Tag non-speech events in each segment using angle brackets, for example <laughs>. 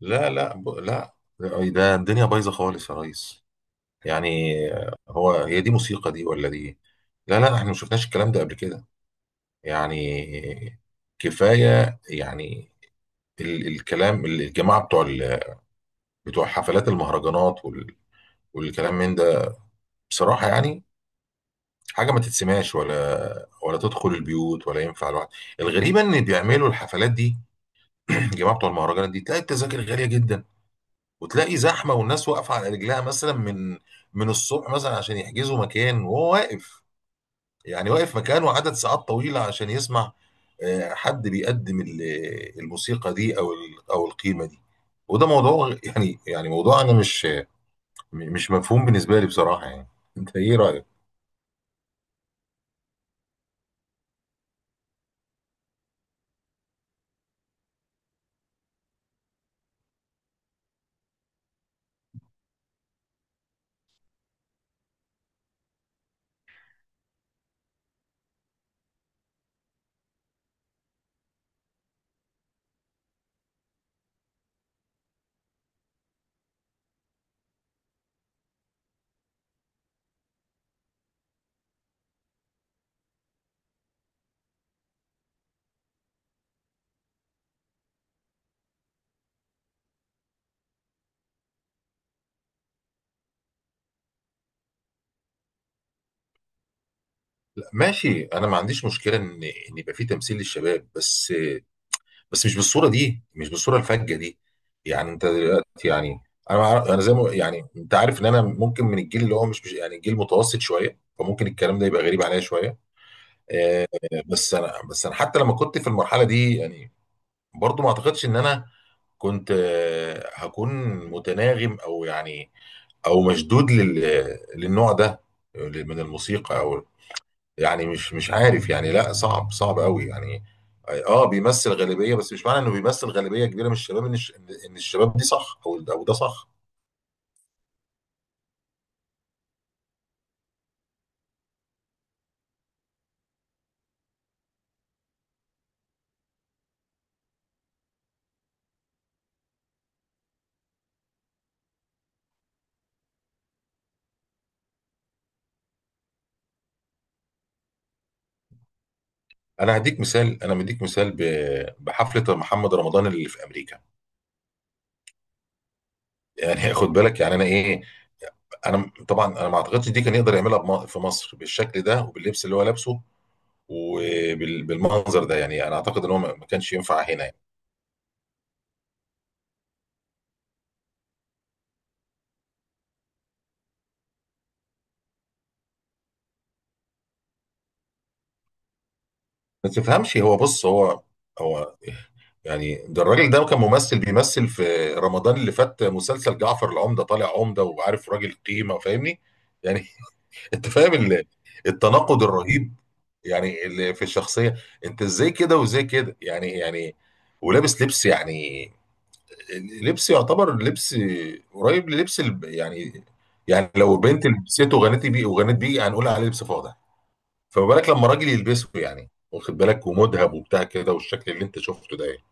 لا لا، لا. ده الدنيا بايظه خالص يا ريس. يعني، هي دي موسيقى دي ولا دي؟ لا لا، احنا ما شفناش الكلام ده قبل كده. يعني كفايه يعني. الكلام الجماعه بتوع حفلات المهرجانات والكلام من ده. بصراحه يعني، حاجه ما تتسمعش ولا تدخل البيوت ولا ينفع الواحد. الغريبه ان بيعملوا الحفلات دي. <clears throat> الجماعه بتوع المهرجانات دي، تلاقي التذاكر غاليه جدا وتلاقي زحمه، والناس واقفه على رجلها مثلا من الصبح مثلا عشان يحجزوا مكان، وهو واقف، يعني واقف مكانه عدد ساعات طويله عشان يسمع حد بيقدم الموسيقى دي او القيمه دي. وده موضوع، يعني موضوع انا مش مفهوم بالنسبه لي بصراحه يعني. انت ايه رايك؟ لا ماشي، انا ما عنديش مشكله ان يبقى في تمثيل للشباب، بس بس مش بالصوره دي، مش بالصوره الفجه دي. يعني انت دلوقتي يعني، انا زي ما يعني انت عارف، ان انا ممكن من الجيل اللي هو يعني جيل متوسط شويه، فممكن الكلام ده يبقى غريب عليا شويه. آه، بس انا، حتى لما كنت في المرحله دي يعني، برضو ما اعتقدش ان انا كنت، هكون متناغم او يعني او مشدود للنوع ده من الموسيقى، او يعني مش عارف يعني. لا صعب، صعب قوي يعني. اه بيمثل غالبيه، بس مش معنى انه بيمثل غالبيه كبيره من الشباب ان ان الشباب دي صح، او ده صح. انا هديك مثال، انا مديك مثال بحفله محمد رمضان اللي في امريكا. يعني <laughs> خد بالك يعني انا ايه، انا طبعا انا ما اعتقدش دي كان يقدر يعملها في مصر بالشكل ده، وباللبس اللي هو لابسه، وبالمنظر ده. يعني انا اعتقد ان هو ما كانش ينفع هنا يعني. ما تفهمش هو، بص هو، هو يعني ده الراجل ده كان ممثل، بيمثل في رمضان اللي فات مسلسل جعفر العمدة، طالع عمدة وعارف، راجل قيمة فاهمني. يعني <laughs> انت فاهم التناقض الرهيب يعني اللي في الشخصية. انت ازاي كده وازاي كده؟ يعني يعني ولابس لبس، يعني لبس يعتبر، لبس قريب يعني، يعني لو بنت لبسته وغنت بيه، هنقول عليه لبس فاضح. فما بالك لما راجل يلبسه، يعني واخد بالك، ومذهب وبتاع كده، والشكل اللي انت شفته ده يعني.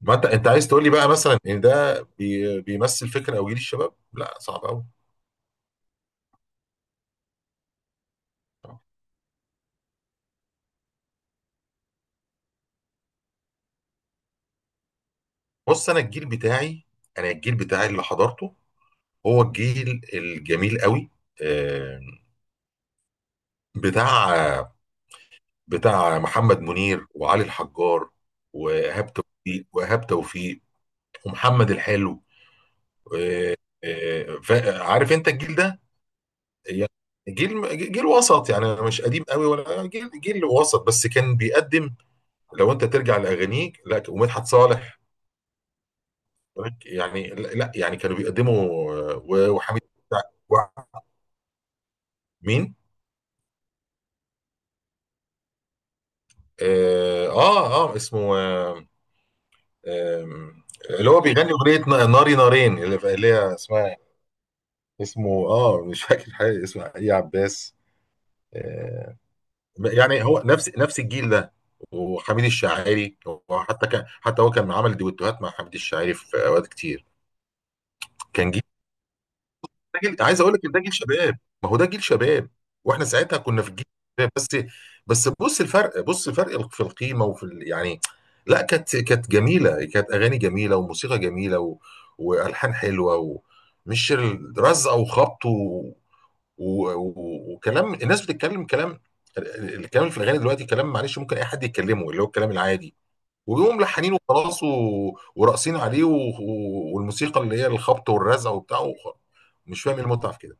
ما انت عايز تقول لي بقى مثلا ان ده بيمثل فكره او جيل الشباب؟ لا صعب قوي. بص، انا الجيل بتاعي اللي حضرته، هو الجيل الجميل قوي. آه، بتاع، محمد منير وعلي الحجار، وايهاب توفيق ومحمد الحلو. آه، عارف انت الجيل ده. يعني جيل، وسط يعني. أنا مش قديم قوي، ولا جيل، وسط. بس كان بيقدم، لو انت ترجع لاغانيه، لا، ومدحت صالح يعني. لا لا، يعني كانوا بيقدموا. وحميد. مين؟ اه اه، اسمه، آه اللي هو بيغني اغنيه ناري نارين، اللي هي اسمها، اسمه مش فاكر حاجه اسمها ايه عباس. آه يعني هو نفس الجيل ده، وحميد الشاعري. وحتى كان حتى هو كان عمل دويتوهات مع حميد الشاعري في اوقات كتير. كان جيل، ده جيل، عايز اقول لك إن ده جيل شباب، ما هو ده جيل شباب، واحنا ساعتها كنا في الجيل شباب. بس، بص الفرق، في القيمه وفي يعني، لا كانت، جميله، كانت اغاني جميله، وموسيقى جميله، والحان حلوه. ومش رزع وخبط و... و... وكلام. الناس بتتكلم كلام. الكلام اللي في الاغاني دلوقتي كلام، معلش، ممكن اي حد يتكلمه، اللي هو الكلام العادي. ويقوموا ملحنين وخلاص، وراقصين عليه، والموسيقى اللي هي الخبط والرزع وبتاع وخلاص. مش فاهم إيه المتعه في كده.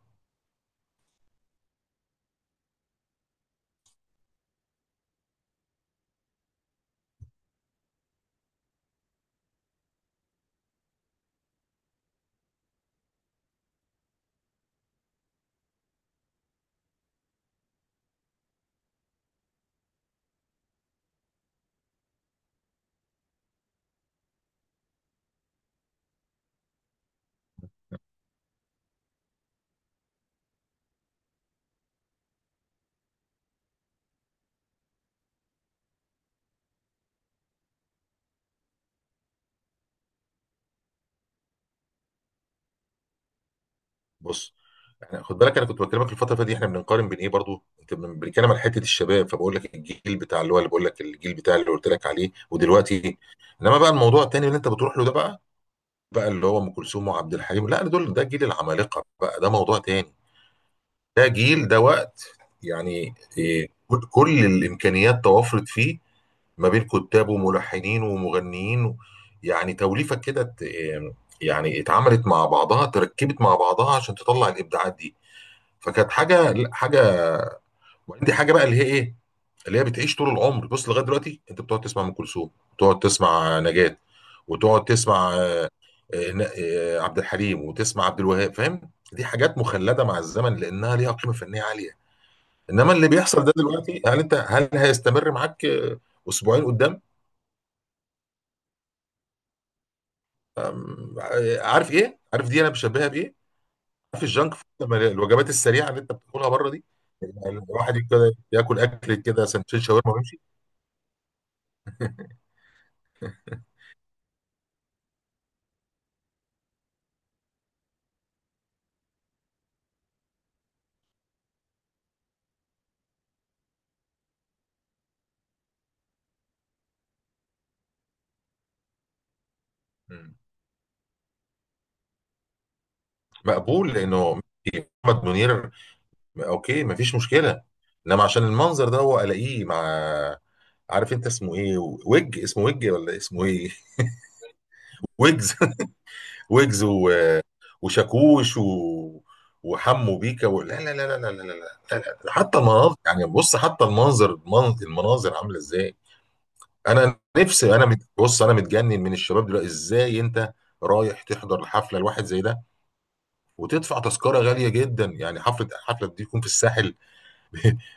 بص احنا، خد بالك انا كنت بكلمك الفتره اللي فاتت دي، احنا بنقارن بين ايه؟ برضو انت بنتكلم على حته الشباب، فبقول لك الجيل بتاع اللي هو، اللي بقول لك الجيل بتاع اللي قلت لك عليه ودلوقتي. انما بقى الموضوع التاني اللي انت بتروح له ده، بقى اللي هو ام كلثوم وعبد الحليم، لا دول، ده جيل العمالقه بقى، ده موضوع تاني. ده جيل، ده وقت يعني إيه. كل الامكانيات توفرت فيه، ما بين كتاب وملحنين ومغنيين يعني، توليفة كده ت... آمم، يعني اتعملت مع بعضها، تركبت مع بعضها عشان تطلع الابداعات دي. فكانت حاجه، لا، حاجه. وعندي حاجه بقى اللي هي ايه، اللي هي بتعيش طول العمر. بص لغايه دلوقتي انت بتقعد تسمع ام كلثوم، وتقعد تسمع نجاة، وتقعد تسمع، عبد الحليم، وتسمع عبد الوهاب. فاهم، دي حاجات مخلده مع الزمن لانها ليها قيمه فنيه عاليه. انما اللي بيحصل ده دلوقتي، هل هيستمر معاك اسبوعين قدام؟ أم، عارف ايه، دي انا بشبهها بايه؟ عارف الجانك فود، لما الوجبات السريعه اللي انت بتاكلها بره دي، يعني الواحد كده ياكل اكل كده، سندوتش شاورما ويمشي. <laughs> مم. مقبول لانه محمد منير، اوكي مفيش مشكله. انما عشان المنظر ده، هو الاقيه مع، عارف انت اسمه ايه، ويج ولا اسمه ايه؟ <laughs> ويجز، ويجز و... وشاكوش وحمو بيكا لا لا لا لا لا لا لا، لا. لا. حتى المناظر يعني، بص حتى المنظر، المناظر عامله ازاي. انا نفسي، بص انا متجنن من الشباب دلوقتي. ازاي انت رايح تحضر الحفله الواحد زي ده، وتدفع تذكره غاليه جدا؟ يعني حفله، دي تكون في الساحل،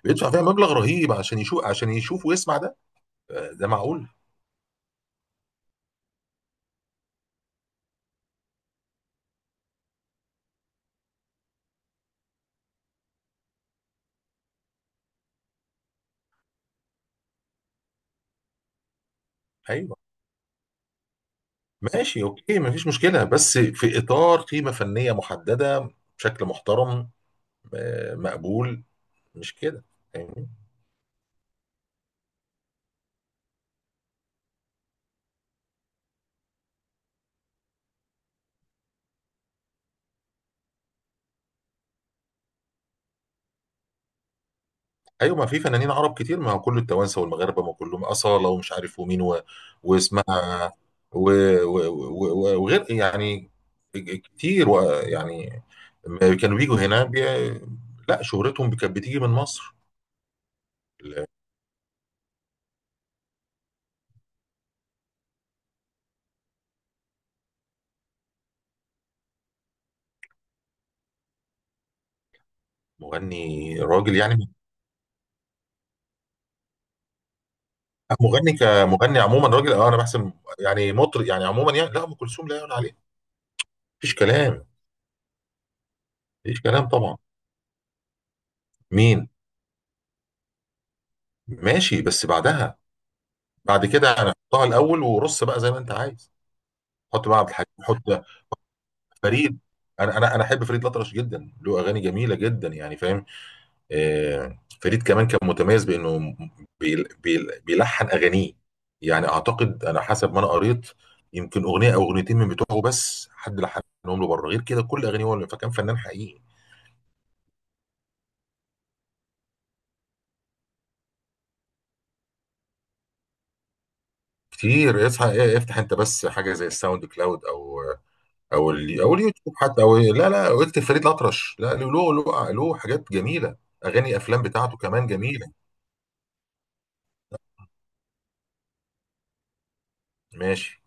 بيدفع فيها مبلغ رهيب عشان يشوف، ويسمع ده؟ ده معقول؟ ايوه ماشي، اوكي مفيش مشكله، بس في اطار قيمه فنيه محدده، بشكل محترم، مقبول، مش كده؟ فاهمني. ايوه، ما في فنانين عرب كتير، ما هو كله التوانسه والمغاربه، ما كلهم اصاله ومش عارف ومين واسمها، و... وغير يعني، كتير يعني، لما كانوا بيجوا هنا لا، شهرتهم كانت بتيجي من مصر. المغني راجل يعني، مغني كمغني عموما، راجل انا بحسب يعني، مطرب يعني، عموما يعني، لا ام كلثوم لا يعلى عليها، مفيش كلام. مفيش كلام طبعا. مين؟ ماشي، بس بعدها. بعد كده انا احطها الاول، ورص بقى زي ما انت عايز. حط بقى عبد الحليم، حط فريد. انا احب فريد الأطرش جدا، له اغاني جميله جدا يعني فاهم. فريد كمان كان متميز بانه بيلحن اغانيه. يعني اعتقد، انا حسب ما انا قريت، يمكن اغنيه او اغنيتين من بتوعه بس حد لحنهم له بره، غير كده كل اغانيه هو فكان فنان حقيقي. كتير، اصحى ايه، افتح انت بس حاجه زي الساوند كلاود، او اليوتيوب حتى، او لا لا، واكتب فريد الأطرش. لا، له، حاجات جميله. اغاني، افلام بتاعته كمان جميله. ماشي.